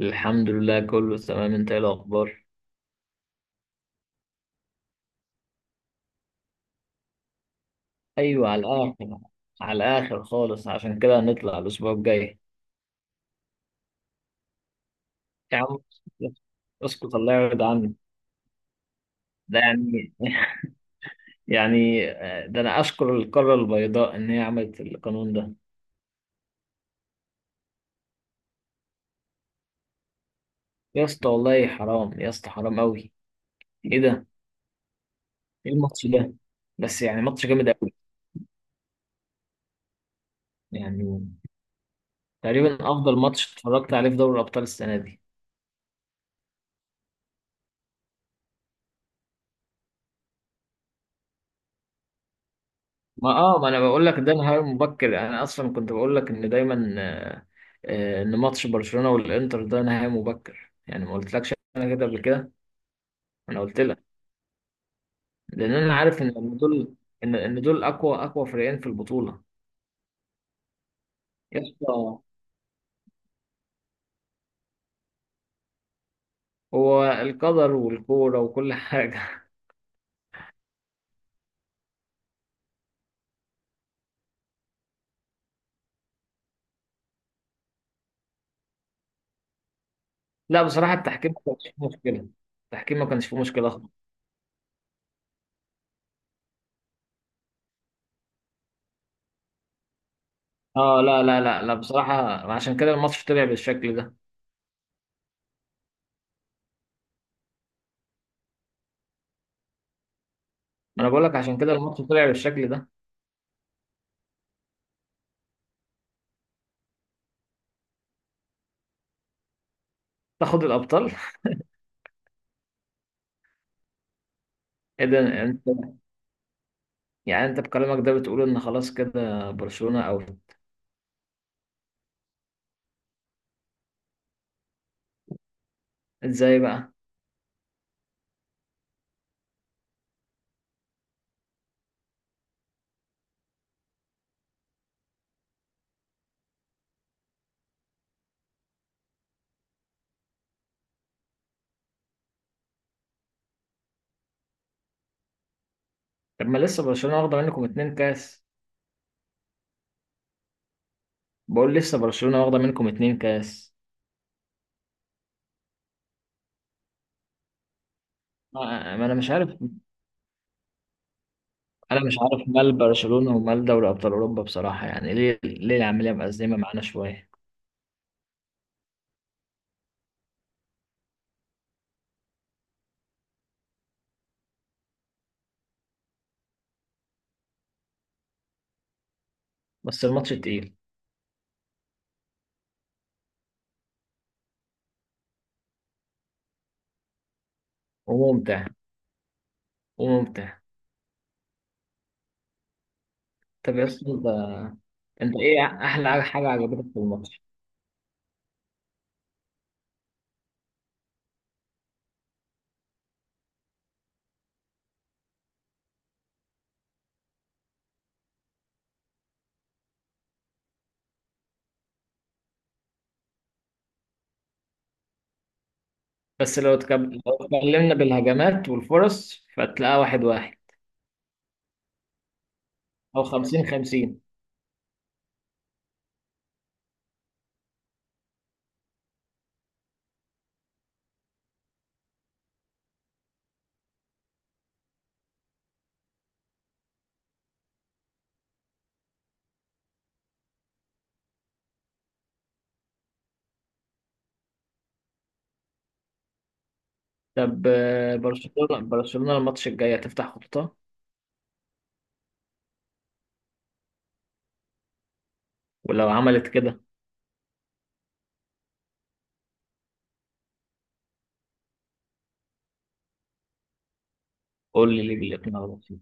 الحمد لله، كله تمام. انت ايه الاخبار؟ ايوه، على الاخر. على الاخر خالص، عشان كده هنطلع الاسبوع الجاي. يا عم. اسكت، الله يبعد عني. ده يعني يعني، ده انا اشكر القاره البيضاء ان هي عملت القانون ده. يا اسطى، والله حرام. يا اسطى، حرام قوي. ايه ده؟ ايه الماتش ده؟ بس يعني ماتش جامد قوي. يعني تقريبا افضل ماتش اتفرجت عليه في دوري الابطال السنه دي. ما انا بقول لك ده نهائي مبكر. يعني انا اصلا كنت بقول لك ان دايما، ان ماتش برشلونة والانتر ده نهائي مبكر. يعني ما قلتلكش انا كده قبل كده؟ انا قلت لك. لان انا عارف ان دول، ان دول اقوى اقوى فريقين في البطولة. يا اسطى. هو القدر والكورة وكل حاجة. لا بصراحة، التحكيم ما كانش فيه مشكلة. التحكيم ما كانش فيه مشكلة خالص. اه، لا لا لا لا بصراحة. عشان كده الماتش طلع بالشكل ده. ما انا بقول لك، عشان كده الماتش طلع بالشكل ده. تاخد الابطال. ايه ده انت؟ يعني انت بكلامك ده بتقول ان خلاص كده برشلونة اوت؟ ازاي بقى؟ طب ما لسه برشلونة واخدة منكم اتنين كاس. بقول لسه برشلونة واخدة منكم اتنين كاس. ما انا مش عارف. انا مش عارف مال برشلونة ومال دوري ابطال اوروبا بصراحة، يعني ليه العملية مأزمة معانا شوية. بس الماتش تقيل. وممتع. وممتع. طب يا اسطى، انت ايه احلى حاجة عجبتك في الماتش؟ بس لو لو اتكلمنا بالهجمات والفرص فتلاقيها واحد واحد، او خمسين خمسين. طب برشلونة الماتش الجاي هتفتح خطوطها؟ ولو عملت كده. قول لي ليه اللي على بسيط.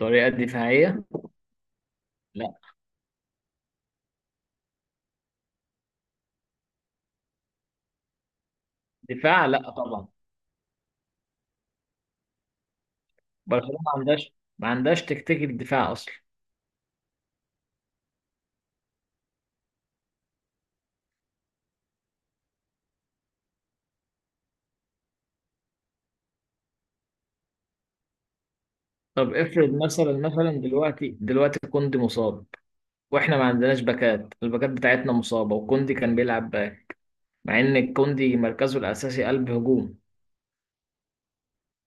طريقة دفاعية. لا، دفاع، لا طبعا. برشلونة ما عندهاش، ما عندهاش تكتيك الدفاع اصلا. طب افرض مثلا دلوقتي كوندي مصاب. واحنا ما عندناش باكات، الباكات بتاعتنا مصابة، وكوندي كان بيلعب باك. مع ان كوندي مركزه الاساسي قلب هجوم.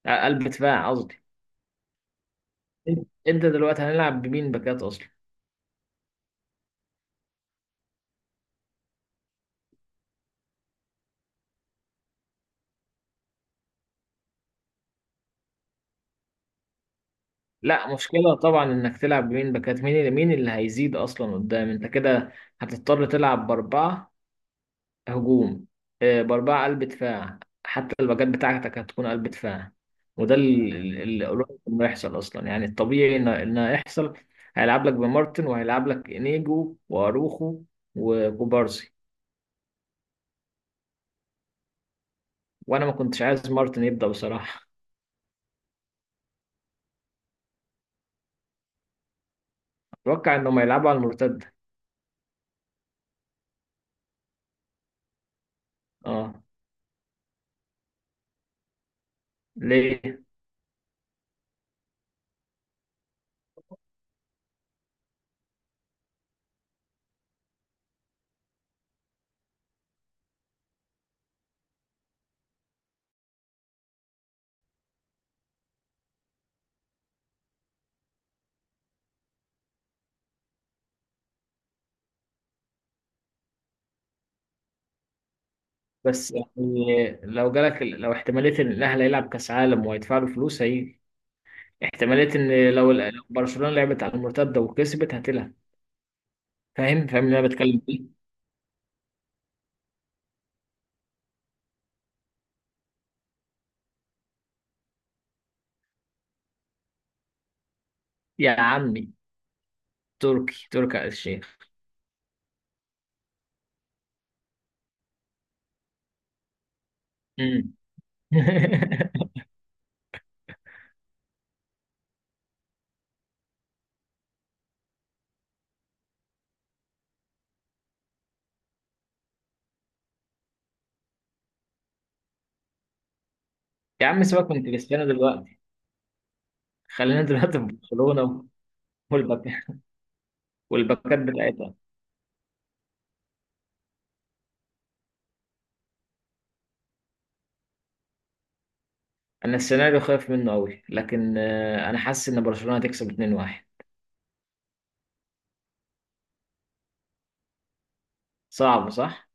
قلب دفاع قصدي. انت دلوقتي هنلعب بمين باكات اصلا؟ لا، مشكلة طبعا انك تلعب بمين باكات. مين اللي هيزيد اصلا قدام انت كده. هتضطر تلعب باربعة. هجوم. باربعة قلب دفاع. حتى الباكات بتاعتك هتكون قلب دفاع. وده اللي قريب انه يحصل اصلا، يعني الطبيعي ان انه يحصل. هيلعب لك بمارتن وهيلعب لك انيجو واروخو، وكوبارسي. وانا ما كنتش عايز مارتن يبدأ بصراحة. اتوقع انهم هيلعبوا على المرتدة. اه. ليه. بس يعني لو جالك، لو احتمالية ان الاهلي هيلعب كاس عالم وهيدفع له فلوس، هيجي. احتمالية ان لو برشلونة لعبت على المرتدة وكسبت هتلعب. فاهم اللي انا بتكلم فيه؟ يا عمي. تركي آل الشيخ. مم. يا عم، سيبك من كريستيانو دلوقتي. خلينا دلوقتي في برشلونة. والباك. والباكات بتاعتها. انا السيناريو خايف منه قوي، لكن انا حاسس ان برشلونة هتكسب 2-1. صعب، صح؟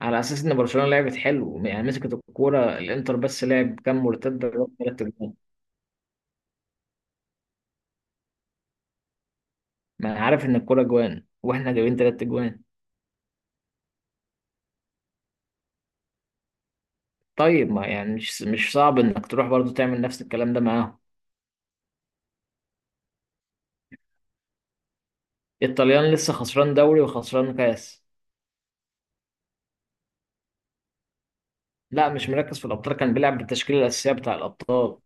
على اساس ان برشلونه لعبت حلو، يعني مسكت الكوره، الانتر بس لعب كام مرتده جاب ثلاث اجوان. ما انا عارف ان الكوره جوان، واحنا جايبين ثلاث اجوان. طيب ما يعني مش صعب انك تروح برضو تعمل نفس الكلام ده معاهم. الطليان لسه خسران دوري وخسران كاس. لا، مش مركز في الابطال، كان بيلعب بالتشكيله الاساسيه بتاع الابطال.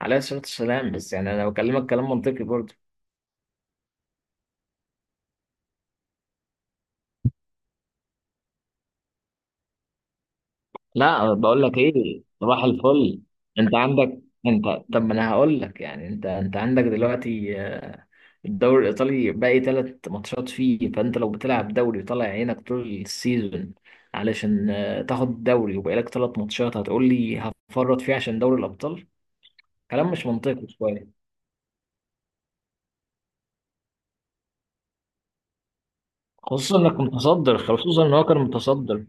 عليه الصلاه والسلام، بس يعني انا بكلمك كلام منطقي برضو. لا، بقول لك ايه، صباح الفل. انت عندك. انت. طب ما انا هقول لك، يعني انت عندك دلوقتي، الدوري الإيطالي باقي تلات ماتشات فيه، فأنت لو بتلعب دوري وطالع عينك طول السيزون، علشان تاخد الدوري وبقالك تلات ماتشات، هتقول لي هفرط فيه عشان دوري الأبطال؟ كلام مش منطقي شوية. خصوصا إنك متصدر، خصوصا إن هو كان متصدر.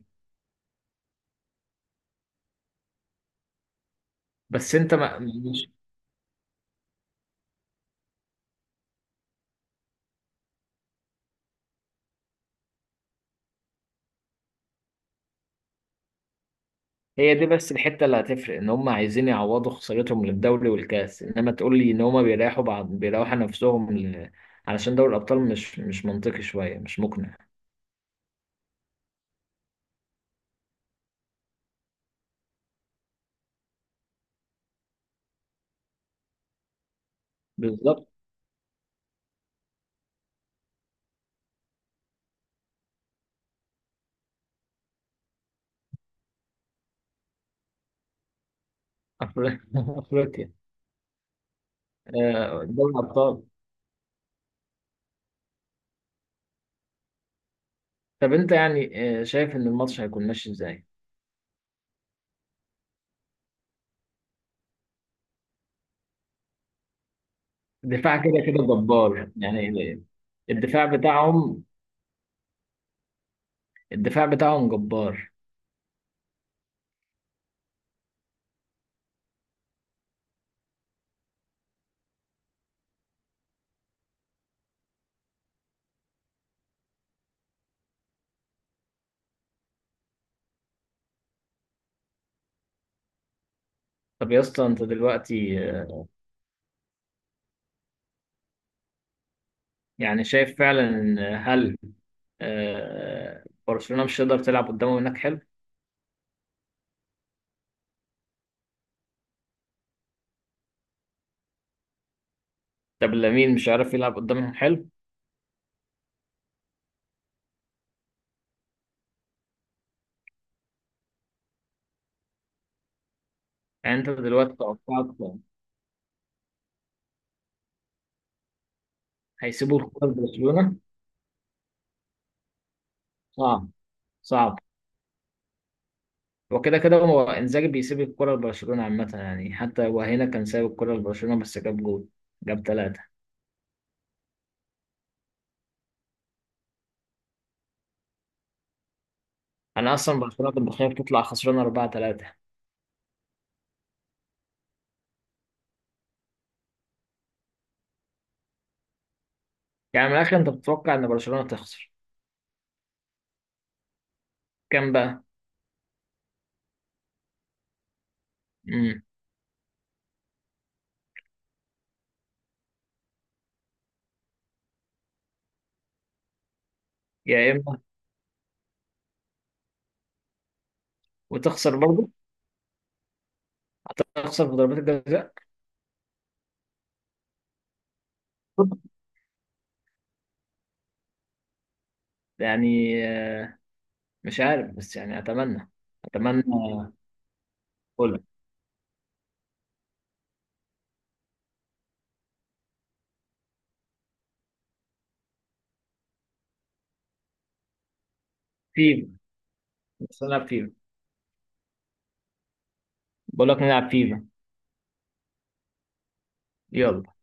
بس أنت ما مش. هي دي بس الحتة اللي هتفرق، إن هم عايزين يعوضوا خسارتهم للدوري والكاس، إنما تقول لي إن هم بيريحوا بعض بيريحوا نفسهم علشان دوري الأبطال مش منطقي شوية، مش مقنع. بالظبط. أفر- أفريقيا. دوري الأبطال. طب أنت يعني، شايف إن الماتش هيكون ماشي إزاي؟ الدفاع كده كده جبار، يعني الدفاع بتاعهم. الدفاع بتاعهم جبار. طب يا اسطى، أنت دلوقتي، يعني شايف فعلا إن، هل، برشلونة مش هتقدر تلعب قدامهم هناك، حلو؟ طب لامين مش عارف يلعب قدامهم، حلو؟ يعني أنت دلوقتي توقعك، هيسيبوا الكورة لبرشلونة؟ صعب. صعب. وكده كده كده هو انزاجي بيسيب الكرة لبرشلونة عامة، يعني حتى وهنا كان سايب الكرة لبرشلونة بس جاب جول. جاب ثلاثة. أنا أصلا برشلونة كنت بخاف تطلع خسرانة 4-3. يعني من الآخر أنت بتتوقع إن برشلونة تخسر؟ كام بقى؟ امم. يا إما. وتخسر برضه. هتخسر في ضربات الجزاء. يعني، آه، مش عارف، بس يعني أتمنى. أتمنى. فولا. فيفا. بس نلعب فيفا. بقول لك نلعب فيفا. يلا.